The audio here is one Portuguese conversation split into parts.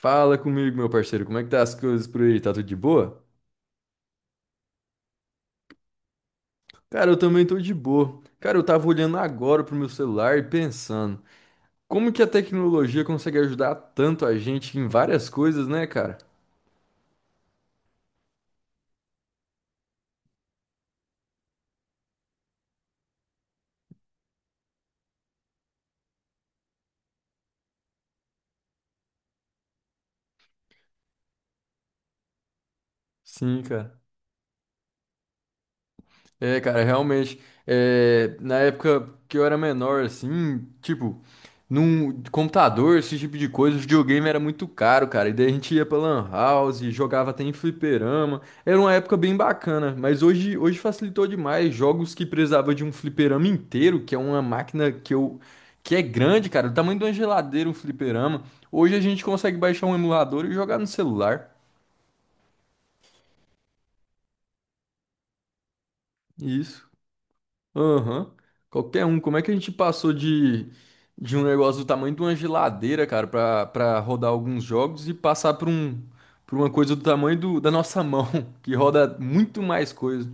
Fala comigo, meu parceiro, como é que tá as coisas por aí? Tá tudo de boa? Cara, eu também tô de boa. Cara, eu tava olhando agora pro meu celular e pensando, como que a tecnologia consegue ajudar tanto a gente em várias coisas, né, cara? Sim, cara. Cara, realmente, na época que eu era menor, assim, tipo, num computador, esse tipo de coisa, o videogame era muito caro, cara, e daí a gente ia pra Lan House, jogava até em fliperama, era uma época bem bacana, mas hoje facilitou demais, jogos que precisava de um fliperama inteiro, que é uma máquina que é grande, cara, do tamanho de uma geladeira, um fliperama, hoje a gente consegue baixar um emulador e jogar no celular, isso. Aham. Qualquer um. Como é que a gente passou de um negócio do tamanho de uma geladeira, cara, pra rodar alguns jogos e passar pra um, pra uma coisa do tamanho da nossa mão, que roda muito mais coisa.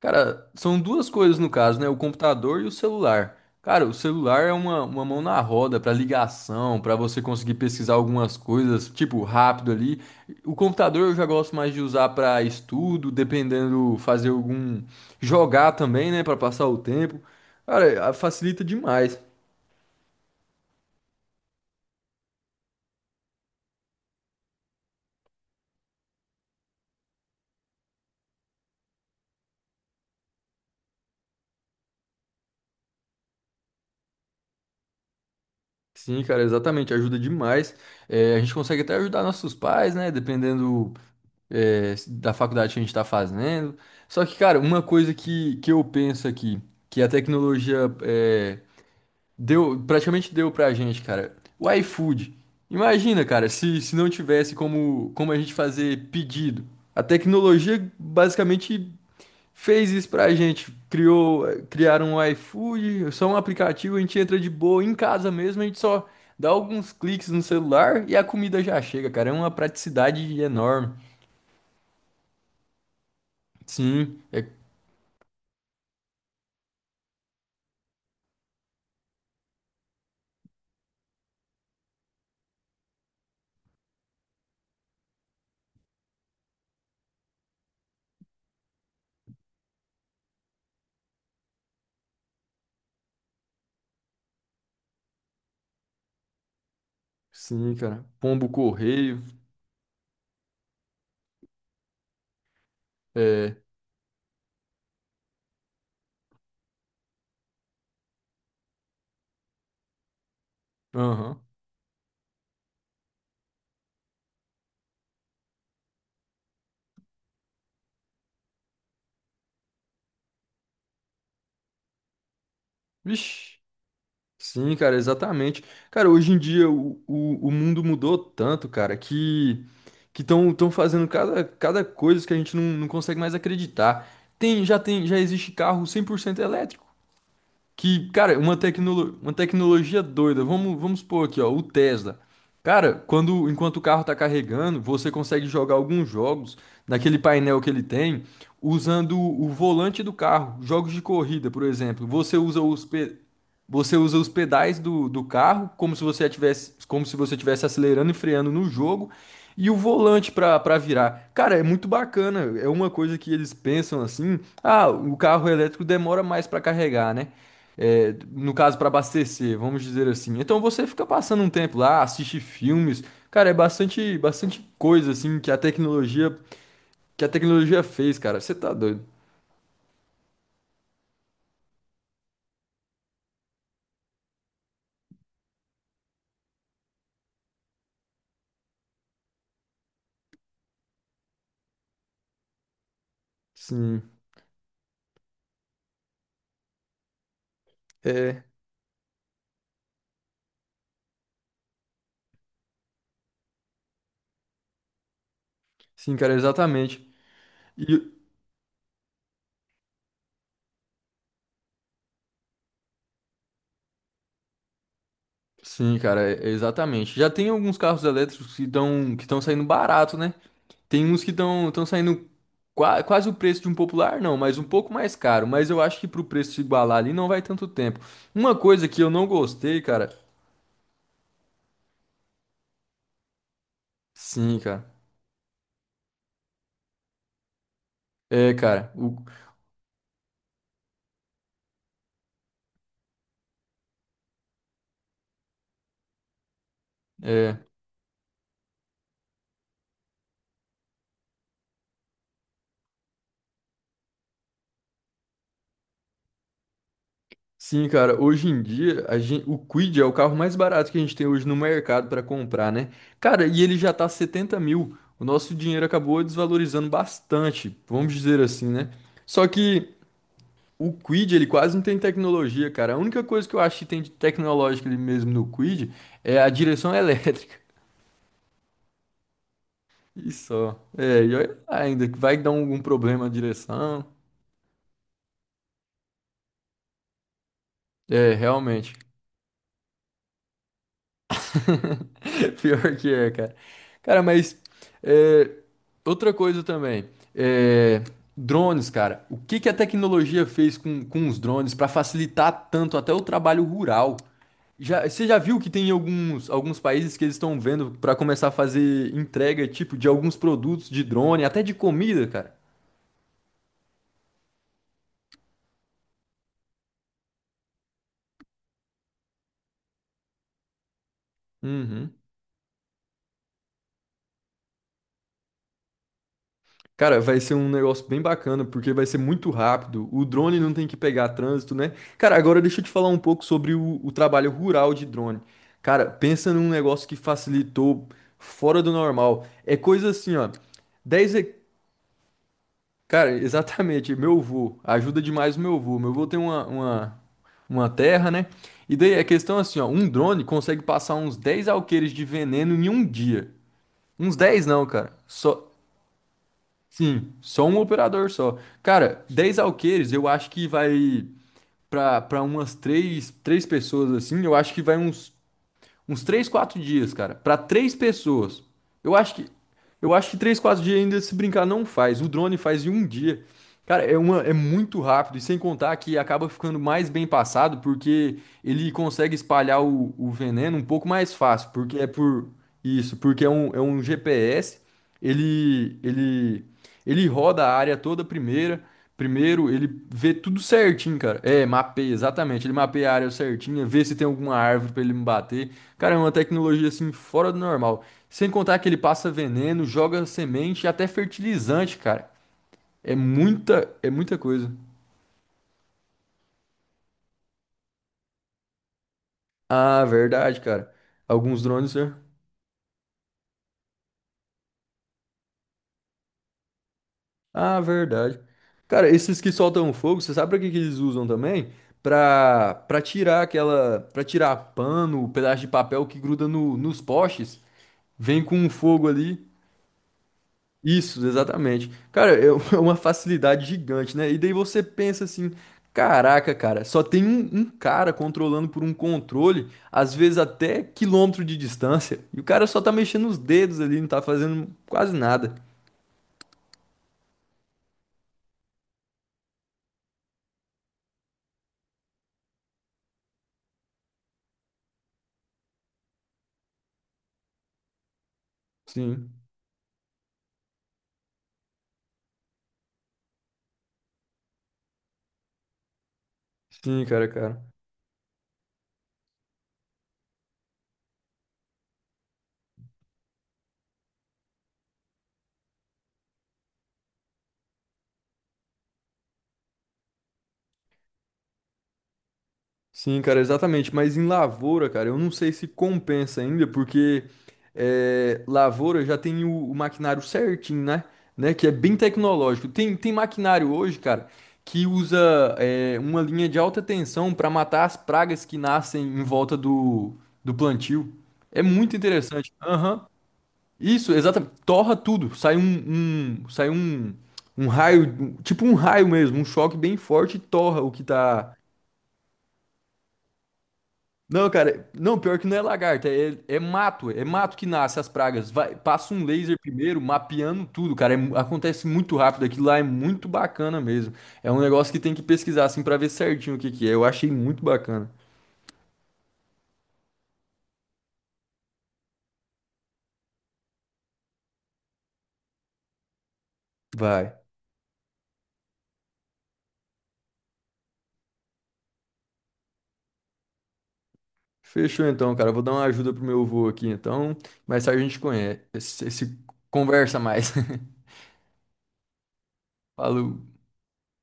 Cara, são duas coisas no caso, né? O computador e o celular. Cara, o celular é uma mão na roda para ligação, para você conseguir pesquisar algumas coisas, tipo, rápido ali. O computador eu já gosto mais de usar para estudo, dependendo, fazer algum. Jogar também, né? Para passar o tempo. Cara, a- facilita demais. Sim, cara, exatamente, ajuda demais. É, a gente consegue até ajudar nossos pais, né? Dependendo, é, da faculdade que a gente está fazendo. Só que, cara, uma coisa que eu penso aqui, que a tecnologia praticamente deu pra gente, cara, o iFood. Imagina, cara, se não tivesse como a gente fazer pedido. A tecnologia basicamente fez isso pra gente, criaram um iFood, só um aplicativo, a gente entra de boa em casa mesmo, a gente só dá alguns cliques no celular e a comida já chega, cara. É uma praticidade enorme. Sim, é, sim, cara. Pombo correio, é, aham. Vixe. Sim, cara, exatamente. Cara, hoje em dia o mundo mudou tanto, cara, que estão fazendo cada coisa que a gente não consegue mais acreditar. Já existe carro 100% elétrico. Que, cara, uma tecnologia doida. Vamos supor aqui, ó, o Tesla. Cara, quando enquanto o carro tá carregando, você consegue jogar alguns jogos naquele painel que ele tem usando o volante do carro. Jogos de corrida, por exemplo. Você usa os pedais do carro como se você como se você tivesse acelerando e freando no jogo e o volante para virar. Cara, é muito bacana. É uma coisa que eles pensam assim: ah, o carro elétrico demora mais para carregar, né? É, no caso, para abastecer, vamos dizer assim. Então você fica passando um tempo lá, assiste filmes. Cara, é bastante coisa assim que a tecnologia fez, cara. Você tá doido? Sim, é, sim, cara, exatamente. E, sim, cara, é- exatamente. Já tem alguns carros elétricos que estão saindo barato, né? Tem uns que estão estão saindo qua- quase o preço de um popular, não, mas um pouco mais caro. Mas eu acho que pro preço se igualar ali não vai tanto tempo. Uma coisa que eu não gostei, cara. Sim, cara. É, cara. O, é. Sim, cara, hoje em dia a gen- o Kwid é o carro mais barato que a gente tem hoje no mercado para comprar, né? Cara, e ele já tá 70 mil. O nosso dinheiro acabou desvalorizando bastante, vamos dizer assim, né? Só que o Kwid, ele quase não tem tecnologia, cara. A única coisa que eu acho que tem de tecnológica ali mesmo no Kwid é a direção elétrica. E só. É, e olha lá ainda, vai dar algum problema a direção. É, realmente. Pior que é, cara. Cara, mas é, outra coisa também. É, drones, cara. O que que a tecnologia fez com os drones para facilitar tanto até o trabalho rural? Já, você já viu que tem alguns países que eles estão vendo para começar a fazer entrega, tipo, de alguns produtos de drone, até de comida, cara? Uhum. Cara, vai ser um negócio bem bacana, porque vai ser muito rápido. O drone não tem que pegar trânsito, né? Cara, agora deixa eu te falar um pouco sobre o trabalho rural de drone. Cara, pensa num negócio que facilitou fora do normal. É coisa assim, ó. 10, he- cara, exatamente, meu avô. Ajuda demais o meu avô. Meu avô tem uma terra, né? E daí a questão é assim, ó. Um drone consegue passar uns 10 alqueires de veneno em um dia. Uns 10 não, cara. Só sim, só um operador só. Cara, 10 alqueires, eu acho que vai pra umas três pessoas assim, eu acho que vai uns uns 3 4 dias, cara, pra três pessoas. Eu acho que eu acho que 3 4 dias ainda se brincar não faz. O drone faz em um dia. Cara, é uma é muito rápido e sem contar que acaba ficando mais bem passado porque ele consegue espalhar o veneno um pouco mais fácil, porque é por isso, porque é é um GPS. Ele, ele, ele roda a área toda primeira. Primeiro, ele vê tudo certinho, cara. É, mapeia, exatamente. Ele mapeia a área certinha, vê se tem alguma árvore pra ele me bater. Cara, é uma tecnologia assim fora do normal. Sem contar que ele passa veneno, joga semente e até fertilizante, cara. É muita coisa. Ah, verdade, cara. Alguns drones, né? Ah, verdade. Cara, esses que soltam fogo, você sabe pra que que eles usam também? Pra tirar pra tirar pano, pedaço de papel que gruda no, nos postes, vem com um fogo ali. Isso, exatamente. Cara, é é uma facilidade gigante, né? E daí você pensa assim, caraca, cara, só tem um cara controlando por um controle, às vezes até quilômetro de distância, e o cara só tá mexendo os dedos ali, não tá fazendo quase nada. Sim, cara. Sim, cara, exatamente. Mas em lavoura, cara, eu não sei se compensa ainda, porque é, lavoura já tem o maquinário certinho, né? Né? Que é bem tecnológico. Tem maquinário hoje, cara, que usa é, uma linha de alta tensão para matar as pragas que nascem em volta do plantio. É muito interessante. Aham. Isso, exatamente. Torra tudo. Um- sai um, um raio, tipo um raio mesmo, um choque bem forte, e torra o que tá. Não, cara, não, pior que não é lagarta, é mato que nasce as pragas. Vai, passa um laser primeiro, mapeando tudo, cara. É mu- acontece muito rápido, aquilo lá é muito bacana mesmo. É um negócio que tem que pesquisar assim pra ver certinho o que que é. Eu achei muito bacana. Vai. Fechou então, cara. Eu vou dar uma ajuda pro meu avô aqui, então. Mais tarde a gente conhece, se conversa mais. Falou.